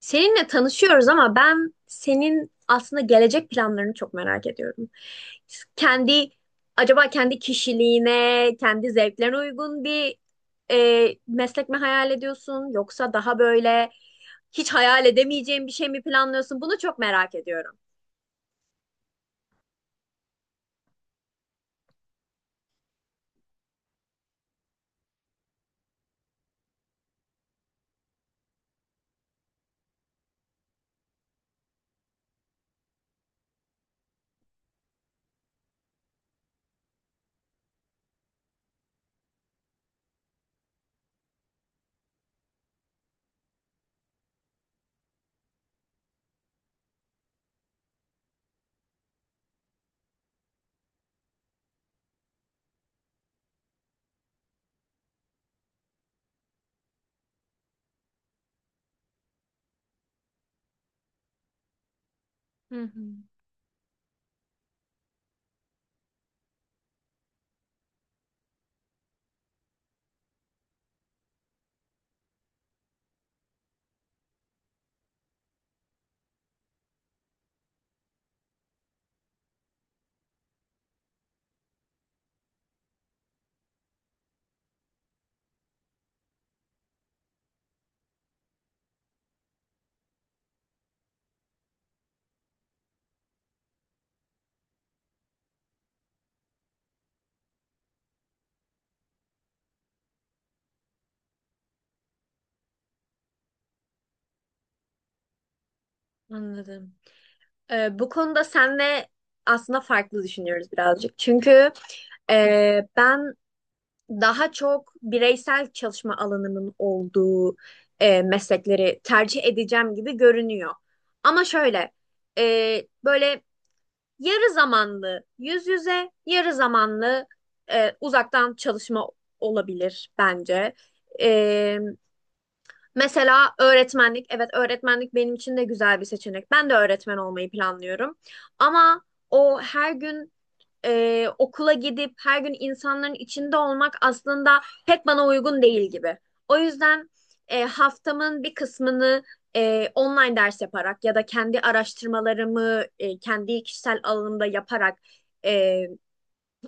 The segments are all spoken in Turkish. Seninle tanışıyoruz ama ben senin aslında gelecek planlarını çok merak ediyorum. Kendi, acaba kendi kişiliğine, kendi zevklerine uygun bir meslek mi hayal ediyorsun yoksa daha böyle hiç hayal edemeyeceğin bir şey mi planlıyorsun? Bunu çok merak ediyorum. Hı hı, anladım. Bu konuda senle aslında farklı düşünüyoruz birazcık. Çünkü ben daha çok bireysel çalışma alanının olduğu meslekleri tercih edeceğim gibi görünüyor. Ama şöyle, böyle yarı zamanlı yüz yüze, yarı zamanlı uzaktan çalışma olabilir bence. E, Mesela öğretmenlik, evet öğretmenlik benim için de güzel bir seçenek. Ben de öğretmen olmayı planlıyorum. Ama o her gün okula gidip her gün insanların içinde olmak aslında pek bana uygun değil gibi. O yüzden haftamın bir kısmını online ders yaparak ya da kendi araştırmalarımı kendi kişisel alanımda yaparak e,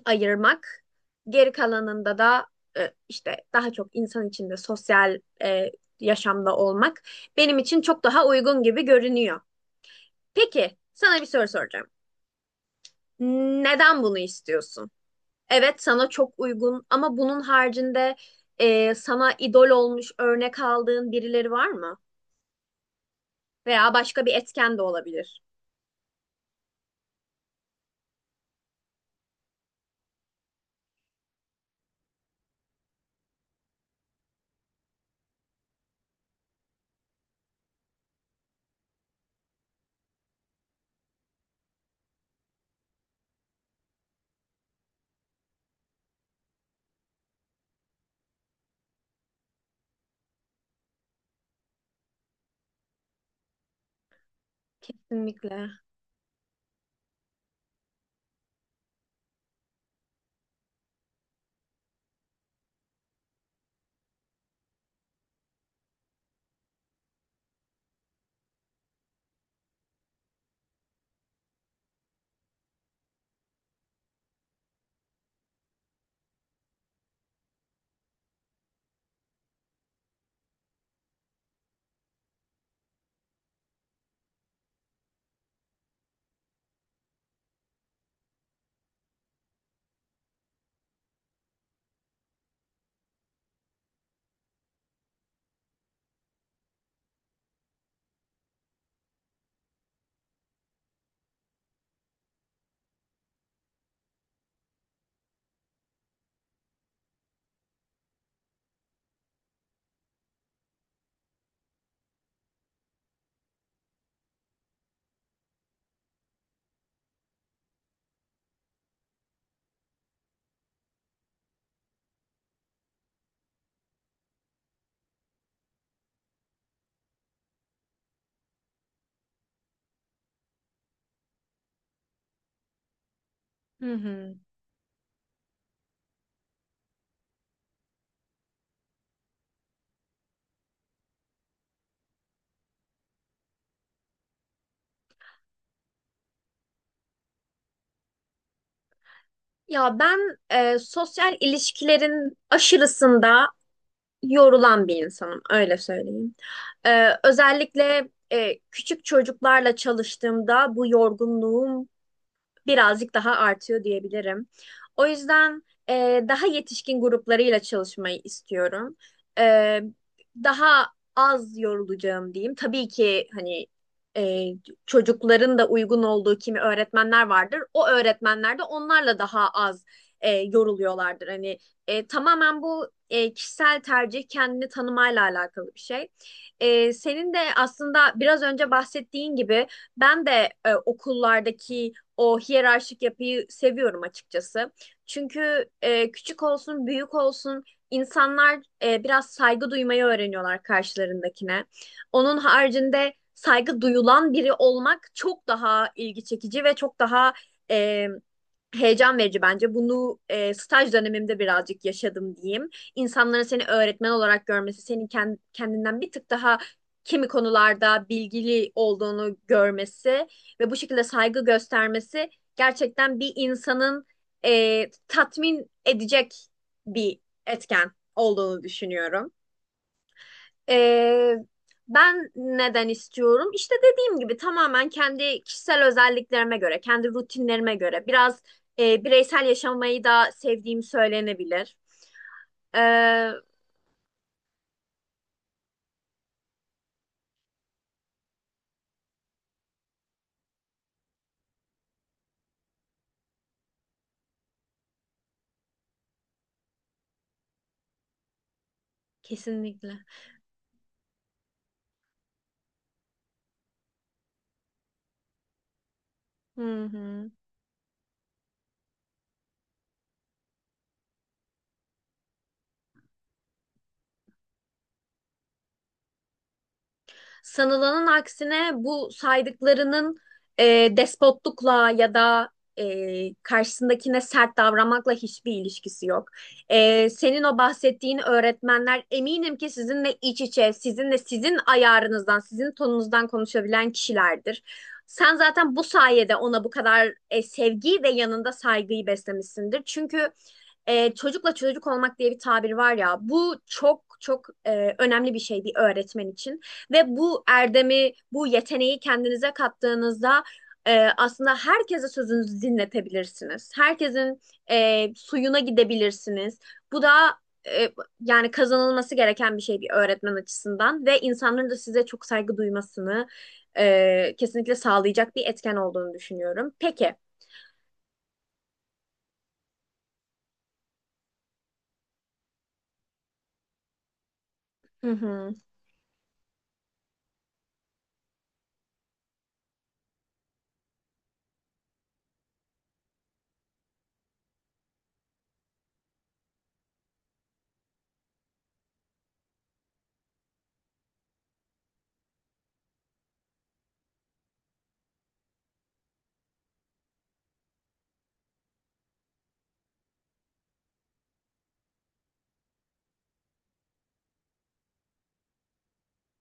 ayırmak. Geri kalanında da işte daha çok insan içinde sosyal, yaşamda olmak benim için çok daha uygun gibi görünüyor. Peki, sana bir soru soracağım. Neden bunu istiyorsun? Evet sana çok uygun ama bunun haricinde sana idol olmuş örnek aldığın birileri var mı? Veya başka bir etken de olabilir. Kesinlikle. Hı hı. Ya ben, sosyal ilişkilerin aşırısında yorulan bir insanım, öyle söyleyeyim. Özellikle küçük çocuklarla çalıştığımda bu yorgunluğum birazcık daha artıyor diyebilirim. O yüzden daha yetişkin gruplarıyla çalışmayı istiyorum. E, Daha az yorulacağım diyeyim. Tabii ki hani e, çocukların da uygun olduğu kimi öğretmenler vardır. O öğretmenler de onlarla daha az yoruluyorlardır. Hani tamamen bu kişisel tercih kendini tanımayla alakalı bir şey. Senin de aslında biraz önce bahsettiğin gibi ben de okullardaki o hiyerarşik yapıyı seviyorum açıkçası. Çünkü küçük olsun, büyük olsun insanlar biraz saygı duymayı öğreniyorlar karşılarındakine. Onun haricinde saygı duyulan biri olmak çok daha ilgi çekici ve çok daha e, heyecan verici bence. Bunu staj dönemimde birazcık yaşadım diyeyim. İnsanların seni öğretmen olarak görmesi, senin kendinden bir tık daha kimi konularda bilgili olduğunu görmesi ve bu şekilde saygı göstermesi gerçekten bir insanın tatmin edecek bir etken olduğunu düşünüyorum. E, Ben neden istiyorum? İşte dediğim gibi tamamen kendi kişisel özelliklerime göre, kendi rutinlerime göre biraz bireysel yaşamayı da sevdiğim söylenebilir. E, Kesinlikle. Hı hı. Sanılanın aksine bu saydıklarının, e, despotlukla ya da karşısındakine sert davranmakla hiçbir ilişkisi yok. Senin o bahsettiğin öğretmenler eminim ki sizinle iç içe, sizinle sizin ayarınızdan, sizin tonunuzdan konuşabilen kişilerdir. Sen zaten bu sayede ona bu kadar sevgiyi ve yanında saygıyı beslemişsindir. Çünkü çocukla çocuk olmak diye bir tabir var ya, bu çok çok önemli bir şey bir öğretmen için. Ve bu erdemi, bu yeteneği kendinize kattığınızda aslında herkese sözünüzü dinletebilirsiniz. Herkesin suyuna gidebilirsiniz. Bu da e, yani kazanılması gereken bir şey bir öğretmen açısından ve insanların da size çok saygı duymasını kesinlikle sağlayacak bir etken olduğunu düşünüyorum. Peki. Hı hı.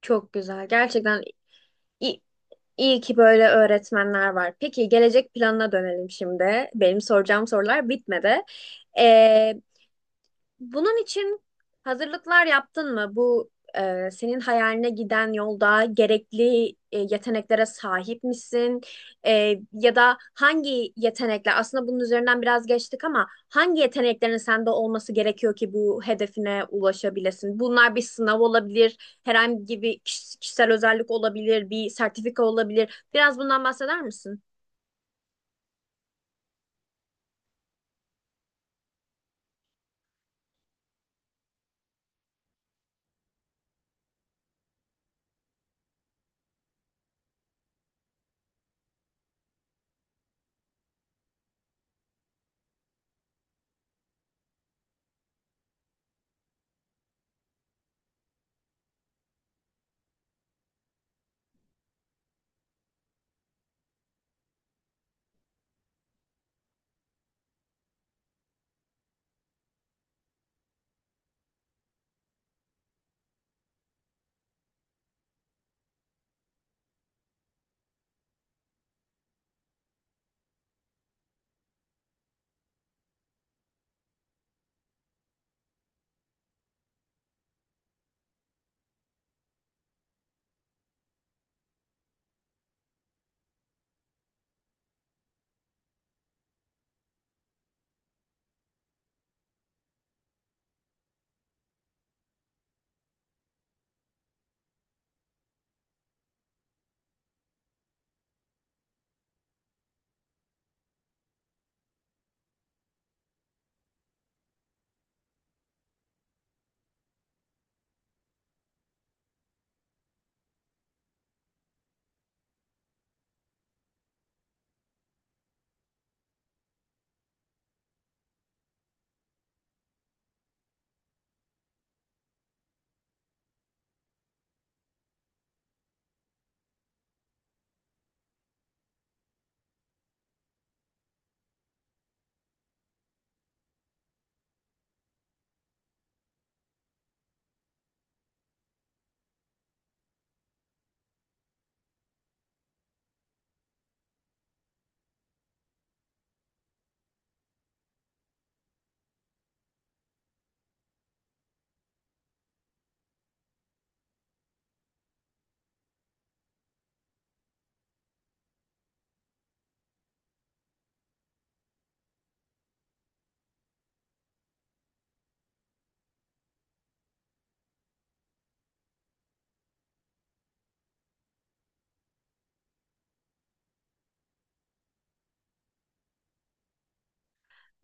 Çok güzel. Gerçekten İyi ki böyle öğretmenler var. Peki gelecek planına dönelim şimdi. Benim soracağım sorular bitmedi. Ee, Bunun için hazırlıklar yaptın mı? Bu senin hayaline giden yolda gerekli yeteneklere sahip misin? E, Ya da hangi yetenekler, aslında bunun üzerinden biraz geçtik ama hangi yeteneklerin sende olması gerekiyor ki bu hedefine ulaşabilesin? Bunlar bir sınav olabilir, herhangi bir kişisel özellik olabilir, bir sertifika olabilir. Biraz bundan bahseder misin?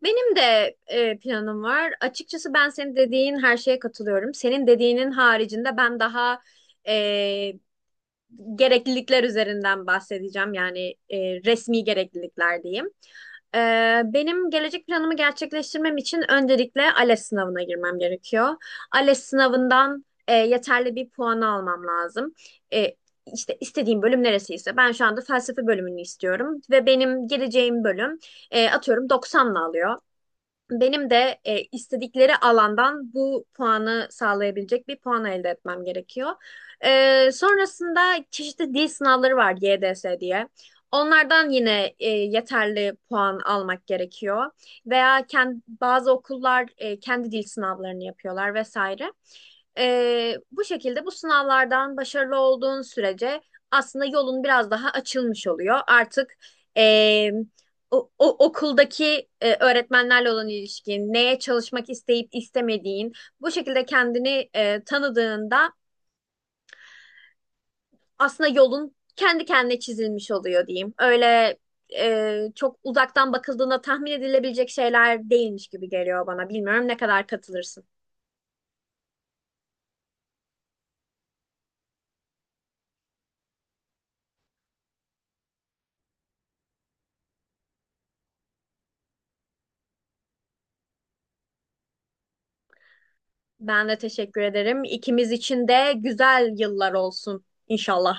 Benim de planım var. Açıkçası ben senin dediğin her şeye katılıyorum. Senin dediğinin haricinde ben daha e, gereklilikler üzerinden bahsedeceğim. Yani resmi gereklilikler diyeyim. E, Benim gelecek planımı gerçekleştirmem için öncelikle ALES sınavına girmem gerekiyor. ALES sınavından yeterli bir puan almam lazım. E, işte istediğim bölüm neresiyse ben şu anda felsefe bölümünü istiyorum ve benim geleceğim bölüm, atıyorum 90'la alıyor. Benim de istedikleri alandan bu puanı sağlayabilecek bir puan elde etmem gerekiyor. Sonrasında çeşitli dil sınavları var, YDS diye. Onlardan yine yeterli puan almak gerekiyor. Veya kendi, bazı okullar kendi dil sınavlarını yapıyorlar vesaire. Bu şekilde bu sınavlardan başarılı olduğun sürece aslında yolun biraz daha açılmış oluyor. Artık e, okuldaki öğretmenlerle olan ilişkin, neye çalışmak isteyip istemediğin, bu şekilde kendini tanıdığında aslında yolun kendi kendine çizilmiş oluyor diyeyim. Öyle çok uzaktan bakıldığında tahmin edilebilecek şeyler değilmiş gibi geliyor bana. Bilmiyorum ne kadar katılırsın. Ben de teşekkür ederim. İkimiz için de güzel yıllar olsun inşallah.